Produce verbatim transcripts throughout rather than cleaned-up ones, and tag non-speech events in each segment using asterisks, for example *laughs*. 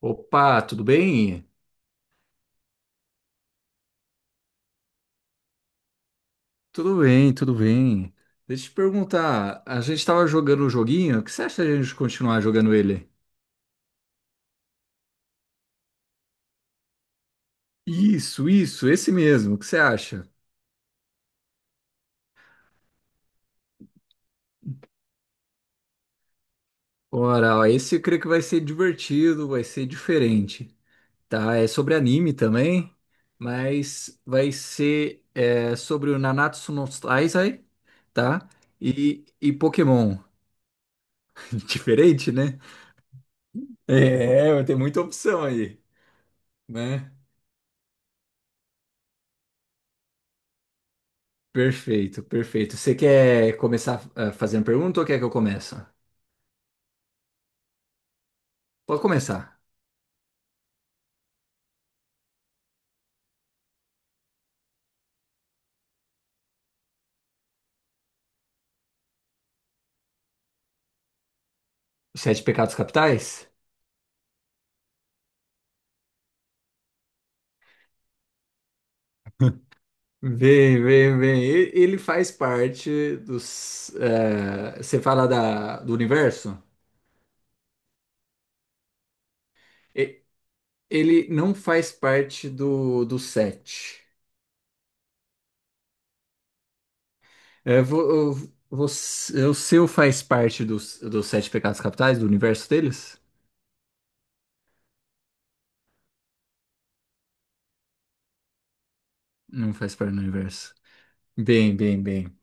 Opa, tudo bem? Tudo bem, tudo bem. Deixa eu te perguntar, a gente estava jogando um joguinho, o que você acha de a gente continuar jogando ele? Isso, isso, esse mesmo, o que você acha? Ora, ó, esse eu creio que vai ser divertido, vai ser diferente, tá? É sobre anime também, mas vai ser é, sobre o Nanatsu no Taizai, tá? E, e Pokémon. *laughs* Diferente, né? É, vai ter muita opção aí, né? Perfeito, perfeito. Você quer começar ah, fazendo pergunta ou quer que eu comece? Pode começar. Os sete pecados capitais? Vem, vem, vem. E- Ele faz parte dos. Eh, você fala da, do universo? E- Ele não faz parte do, do sete. É, vo- você, o seu faz parte dos, dos sete pecados capitais, do universo deles? Não faz parte do universo. Bem, bem, bem.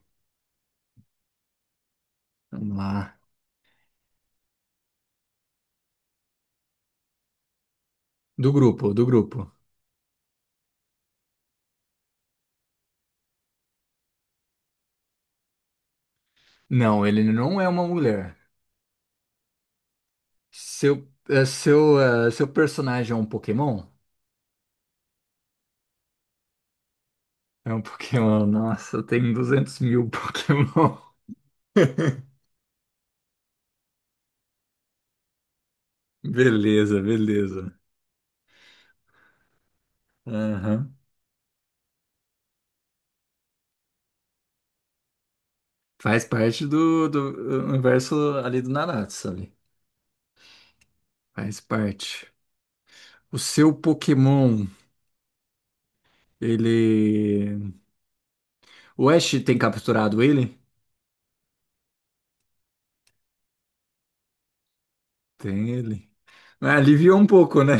Vamos lá. Do grupo, do grupo. Não, ele não é uma mulher. Seu, é, seu, é, seu personagem é um Pokémon? É um Pokémon. Nossa, tem duzentos mil Pokémon. *laughs* Beleza, beleza. Aham. Faz parte do, do universo ali do Naruto, ali. Faz parte. O seu Pokémon, ele. O Ash tem capturado ele? Tem ele. Ah, aliviou um pouco, né?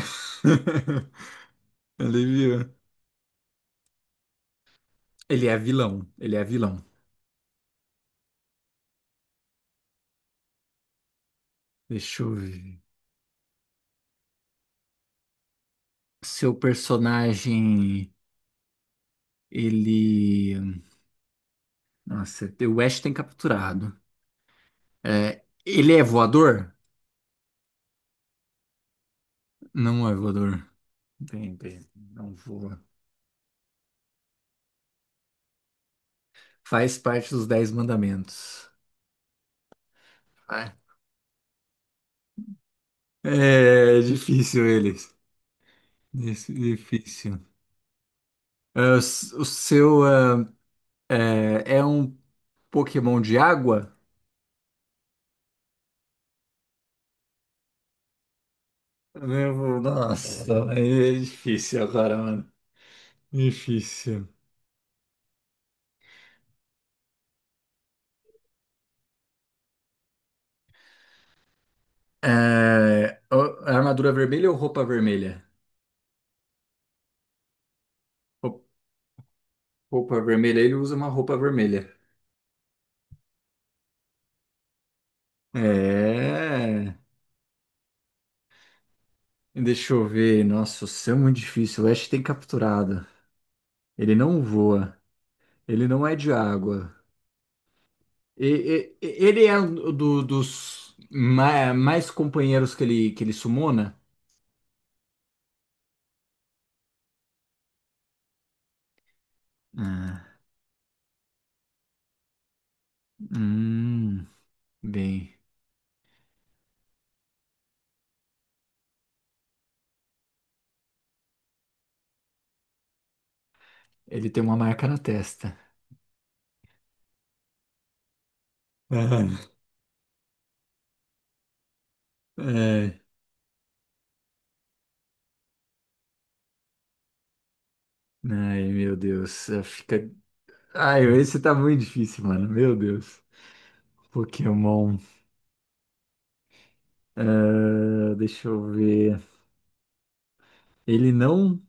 *laughs* Aliviou. Ele é vilão. Ele é vilão. Deixa eu ver. Seu personagem, ele. Nossa, o West tem capturado. É, ele é voador? Não é voador. Bem, bem, não voa. Faz parte dos Dez Mandamentos. Ah, é difícil eles. Dif- Difícil. É, o s- o seu ah, é, é um Pokémon de água? Meu, nossa, aí é difícil agora, mano. Difícil. É, o- a armadura vermelha ou roupa vermelha? Roup- Roupa vermelha, ele usa uma roupa vermelha. É. Deixa eu ver. Nossa, o céu é muito difícil. O Ash tem capturado. Ele não voa. Ele não é de água. E- e- e- Ele é um do- dos ma- mais companheiros que ele, que ele sumona? Ah, hum, bem, ele tem uma marca na testa. Ah, é. Ai, meu Deus. é, Fica. Ai, esse tá muito difícil, mano. Meu Deus. Pokémon. Ah, deixa eu ver. Ele não.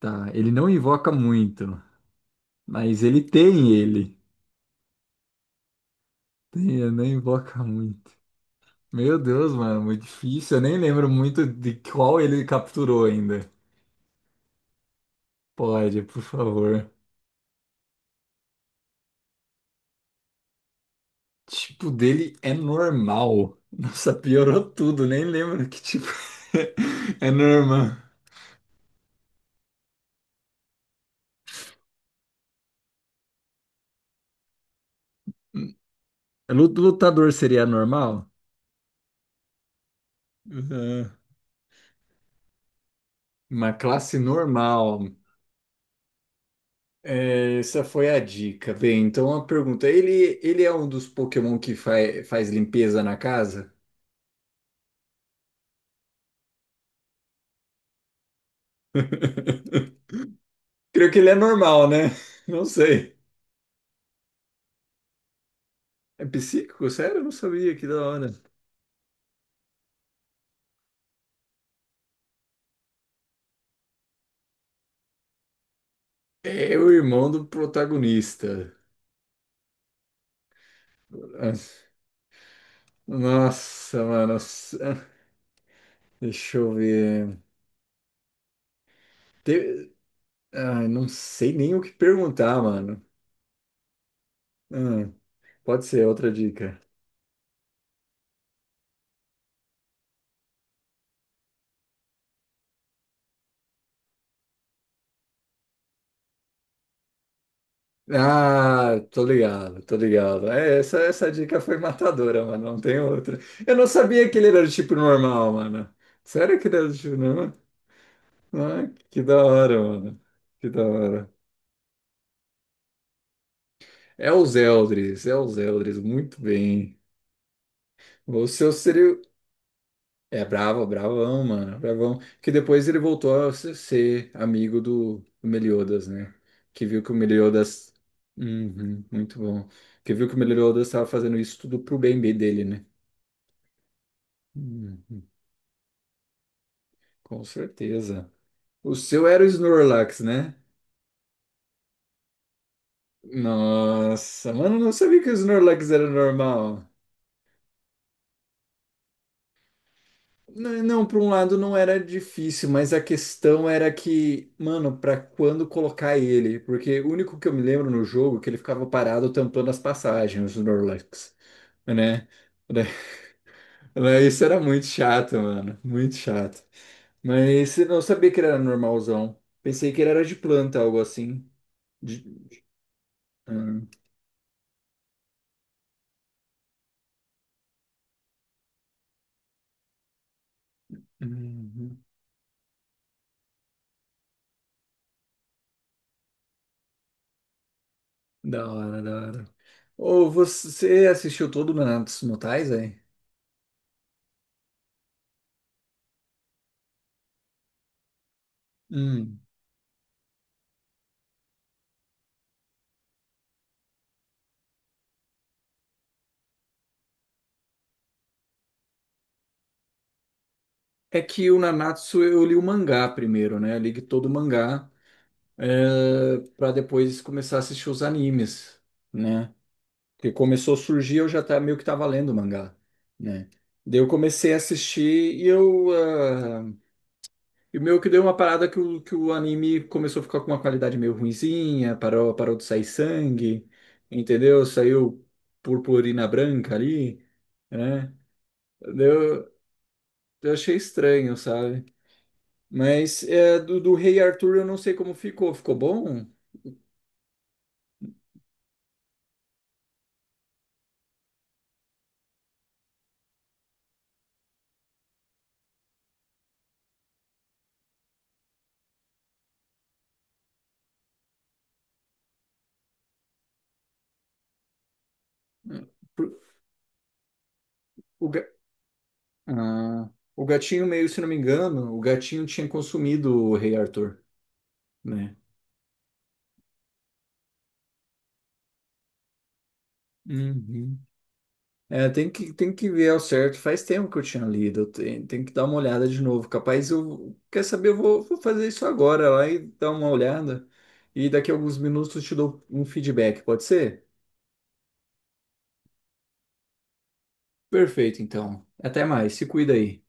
Tá, ele não invoca muito, mas ele tem ele. Tem, ele não invoca muito. Meu Deus, mano, muito difícil. Eu nem lembro muito de qual ele capturou ainda. Pode, por favor. Tipo dele é normal. *laughs* Nossa, piorou tudo. Nem lembro que tipo *laughs* é normal. Lu- Lutador seria normal? Uhum. Uma classe normal. É, essa foi a dica. Bem, então a pergunta: ele, ele é um dos Pokémon que fa- faz limpeza na casa? *laughs* Creio que ele é normal, né? Não sei. É psíquico? Sério? Eu não sabia, que da hora. É o irmão do protagonista. Nossa, mano. Deixa eu ver. Te- Ah, não sei nem o que perguntar, mano. Ah, pode ser outra dica. Ah, tô ligado, tô ligado. É, essa, essa dica foi matadora, mano. Não tem outra. Eu não sabia que ele era do tipo normal, mano. Sério que ele era do tipo normal? Ah, que da hora, mano. Que da hora. É os Eldris, é os Eldris, muito bem. O seu seria. É bravo, bravão, mano. Bravão. Que depois ele voltou a ser ser amigo do, do Meliodas, né? Que viu que o Meliodas. Uhum, muito bom. Que viu que o Meliodas estava fazendo isso tudo pro bem dele, né? Uhum, com certeza. O seu era o Snorlax, né? Nossa, mano, eu não sabia que o Snorlax era normal. N- Não, por um lado não era difícil, mas a questão era que, mano, pra quando colocar ele? Porque o único que eu me lembro no jogo é que ele ficava parado tampando as passagens, o Snorlax, né? *laughs* Daí- Isso era muito chato, mano, muito chato. Mas eu não sabia que ele era normalzão. Pensei que ele era de planta, algo assim. De... ah. Uhum. Da hora, da hora. Ou você assistiu todo o Nanatsu no Taizai? Hum. É que o Nanatsu eu li o mangá primeiro, né? Eu li todo o mangá é, para depois começar a assistir os animes, né? Porque começou a surgir, eu já tá, meio que tava lendo o mangá, né? Daí eu comecei a assistir e eu ah, e meio que deu uma parada que o, que o anime começou a ficar com uma qualidade meio ruinzinha, parou, parou de sair sangue, entendeu? Saiu purpurina branca ali, né? Deu, eu achei estranho, sabe? Mas é, do, do Rei Arthur eu não sei como ficou. Ficou bom? Por- O, ga- ah, o gatinho meio, se não me engano, o gatinho tinha consumido o Rei Arthur, né? Uhum. É, tem que, tem que ver ao certo. Faz tempo que eu tinha lido. Tem, tem que dar uma olhada de novo. Capaz eu. Quer saber? Eu vou, vou fazer isso agora lá e dar uma olhada. E daqui a alguns minutos eu te dou um feedback, pode ser? Perfeito, então. Até mais. Se cuida aí.